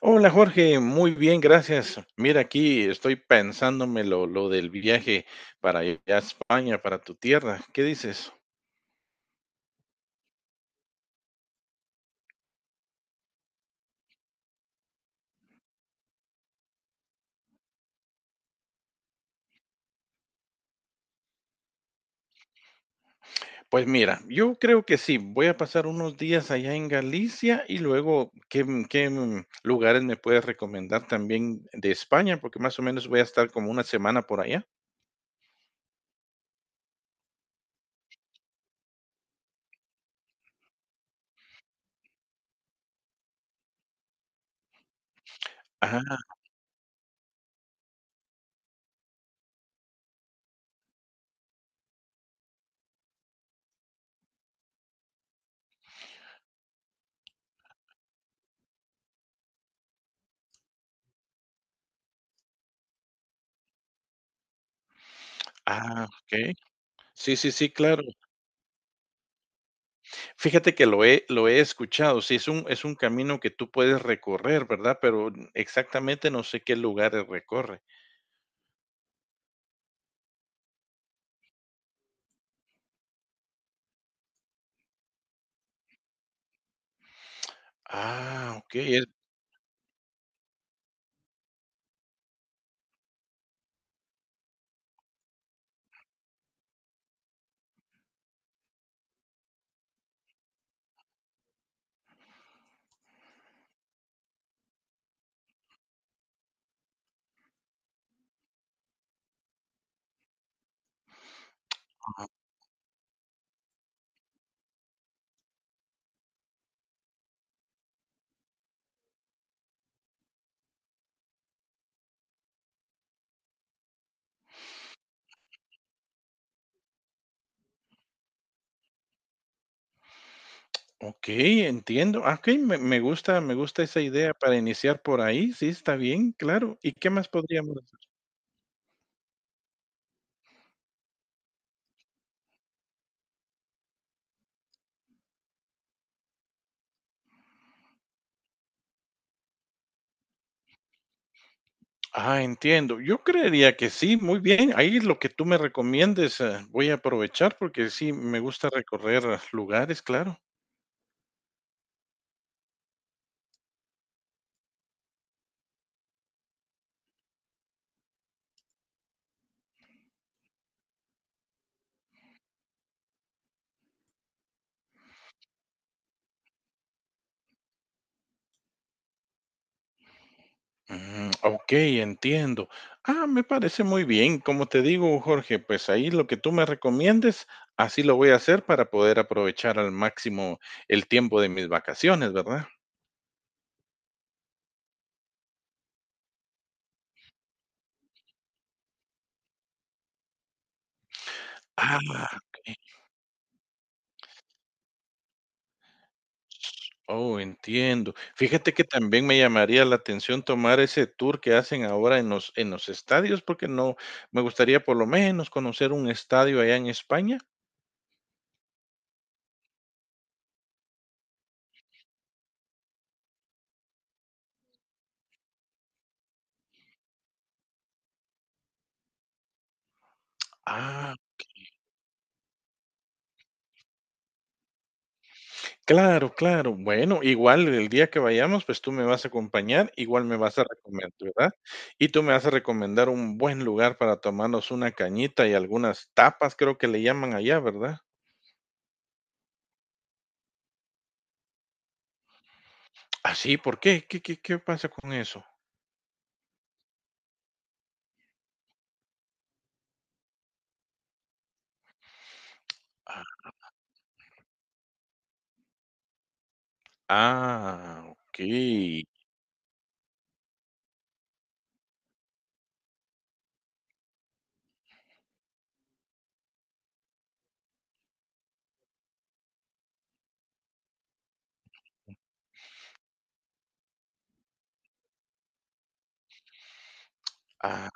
Hola Jorge, muy bien, gracias. Mira, aquí estoy pensándome lo del viaje para allá a España, para tu tierra. ¿Qué dices? Pues mira, yo creo que sí, voy a pasar unos días allá en Galicia y luego, ¿qué, lugares me puedes recomendar también de España? Porque más o menos voy a estar como una semana por allá. Ah, ah, ok. Sí, sí, sí, claro. Fíjate que lo he escuchado, sí, es un camino que tú puedes recorrer, ¿verdad? Pero exactamente no sé qué lugares recorre. Ah, okey, es ah, okey, entiendo. Ah, okey, me gusta esa idea para iniciar por ahí, sí, está bien, claro. ¿Y qué más podríamos hacer? Ah, entiendo. Yo creería que sí, muy bien. Ahí lo que tú me recomiendes, voy a aprovechar porque sí, me gusta recorrer lugares, claro. Mm, ok, entiendo. Ah, me parece muy bien. Como te digo, Jorge, pues ahí lo que tú me recomiendes, así lo voy a hacer para poder aprovechar al máximo el tiempo de mis vacaciones, ¿verdad? Ah, ok. Oh, entiendo. Fíjate que también me llamaría la atención tomar ese tour que hacen ahora en en los estadios, porque no me gustaría por lo menos conocer un estadio allá en España. Ah, claro, claro. Bueno, igual el día que vayamos, pues, tú me vas a acompañar, igual me vas a recomendar, ¿verdad? Y tú me vas a recomendar un buen lugar para tomarnos una cañita y algunas tapas, creo que le llaman allá, ¿verdad? ¿Ah, sí? ¿Por qué? ¿Qué pasa con eso? Ah, ah, okey. Ah,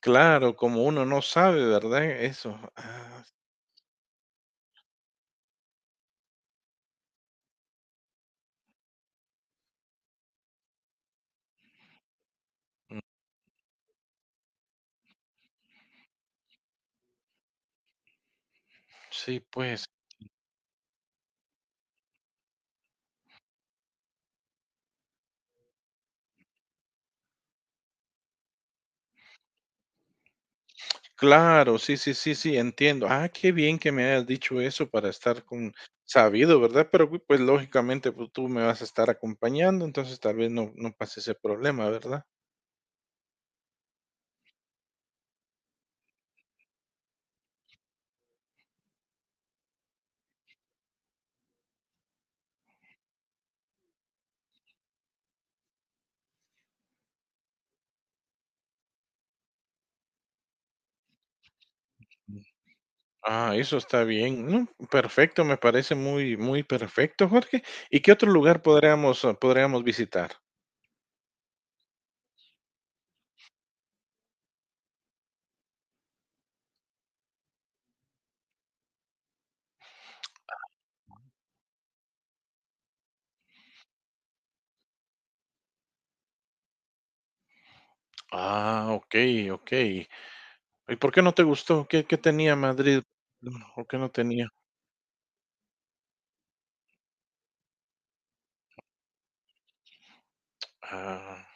claro, como uno no sabe, ¿verdad? Eso. Ah, mm, sí, pues. Claro, sí, sí, sí, sí, entiendo. Ah, qué bien que me hayas dicho eso para estar con sabido, ¿verdad? Pero pues lógicamente pues, tú me vas a estar acompañando, entonces tal vez no, no pase ese problema, ¿verdad? Ah, eso está bien. No, perfecto, me parece muy, muy perfecto, Jorge. ¿Y qué otro lugar podríamos, podríamos visitar? Ah, ok, ok. ¿Y por qué no te gustó? ¿Qué, qué tenía Madrid? ¿O qué no tenía? Ah,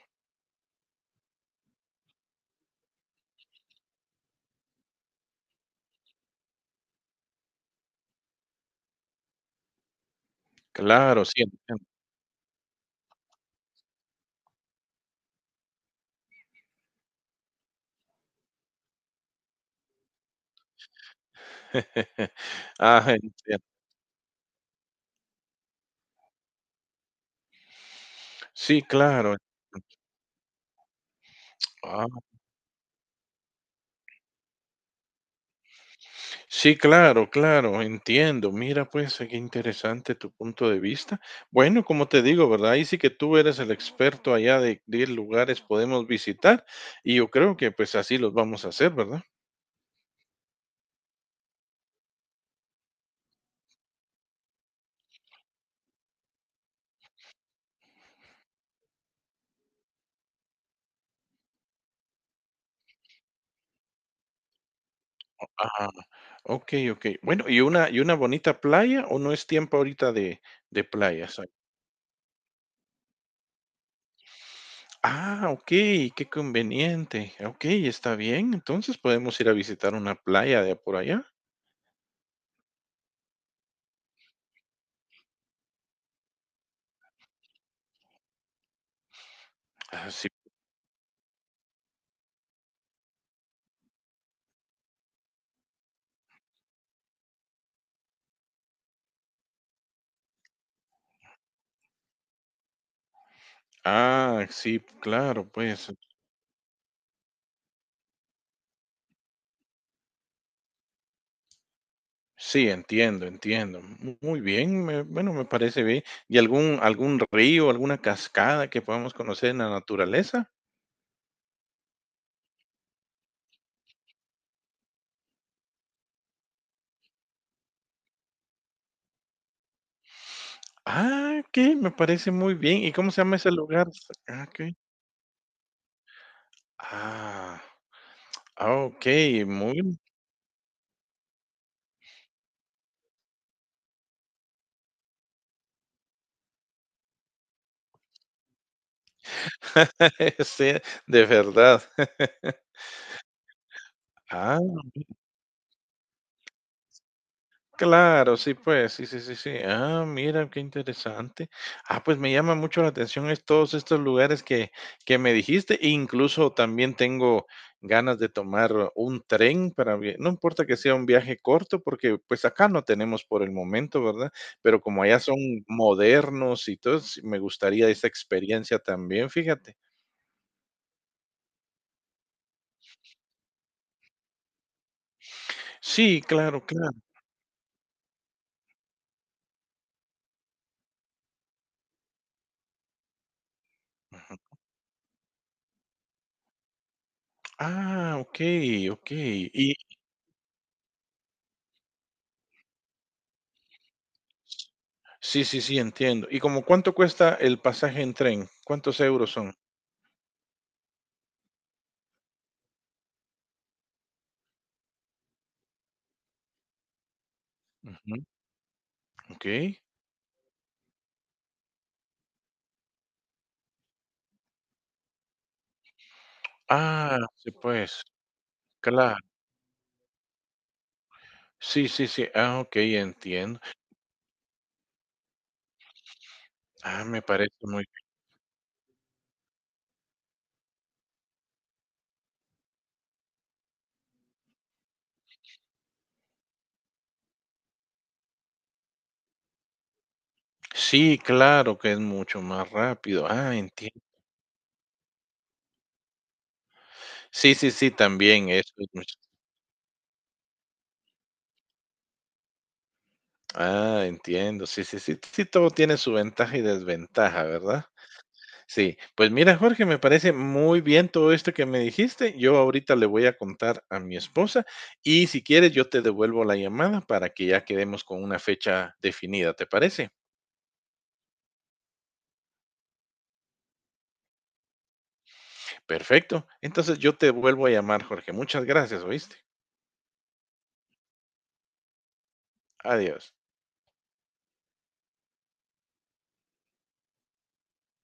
claro, sí. Entiendo. Ah, entiendo. Sí, claro. Ah, sí, claro, claro, entiendo. Mira, pues, qué interesante tu punto de vista. Bueno, como te digo, ¿verdad? Ahí sí que tú eres el experto allá de qué lugares podemos visitar y yo creo que pues así los vamos a hacer, ¿verdad? Ah, okey, okey. Bueno, ¿y una bonita playa o no es tiempo ahorita de playas ahí? Ah, okey, qué conveniente. Okey, está bien. Entonces podemos ir a visitar una playa de por allá. Ah, sí. Ah, sí, claro, pues. Sí, entiendo, entiendo. Muy bien, bueno, me parece bien. ¿Y algún, algún río, alguna cascada que podamos conocer en la naturaleza? Ah, que me parece muy bien. ¿Y cómo se llama ese lugar? Ah, ok. Ah, ah, ok, muy, sí, de verdad. Ah, claro, sí, pues, sí, sí, sí, sí. Ah, mira, qué interesante. Ah, pues me llama mucho la atención es todos estos lugares que me dijiste. E incluso también tengo ganas de tomar un tren para, no importa que sea un viaje corto, porque pues acá no tenemos por el momento, ¿verdad? Pero como allá son modernos y todo, sí, me gustaría esa experiencia también, fíjate. Sí, claro, claro. Ah, ok, ok. Y, sí, sí, sí, entiendo. ¿Y como cuánto cuesta el pasaje en tren? ¿Cuántos euros son? Ujú, okey. Ah, sí, pues, claro. Sí, sí, sí. Ah, okey, entiendo. Ah, me parece muy sí, claro que es mucho más rápido. Ah, entiendo. Sí, sí, sí, también eso es mucho ah, entiendo. Sí, sí, sí, sí, todo tiene su ventaja y desventaja, ¿verdad? Sí, pues mira, Jorge, me parece muy bien todo esto que me dijiste. Yo ahorita le voy a contar a mi esposa y si quieres yo te devuelvo la llamada para que ya quedemos con una fecha definida, ¿te parece? Perfecto. Entonces yo te vuelvo a llamar, Jorge. Muchas gracias, ¿oíste? Adiós.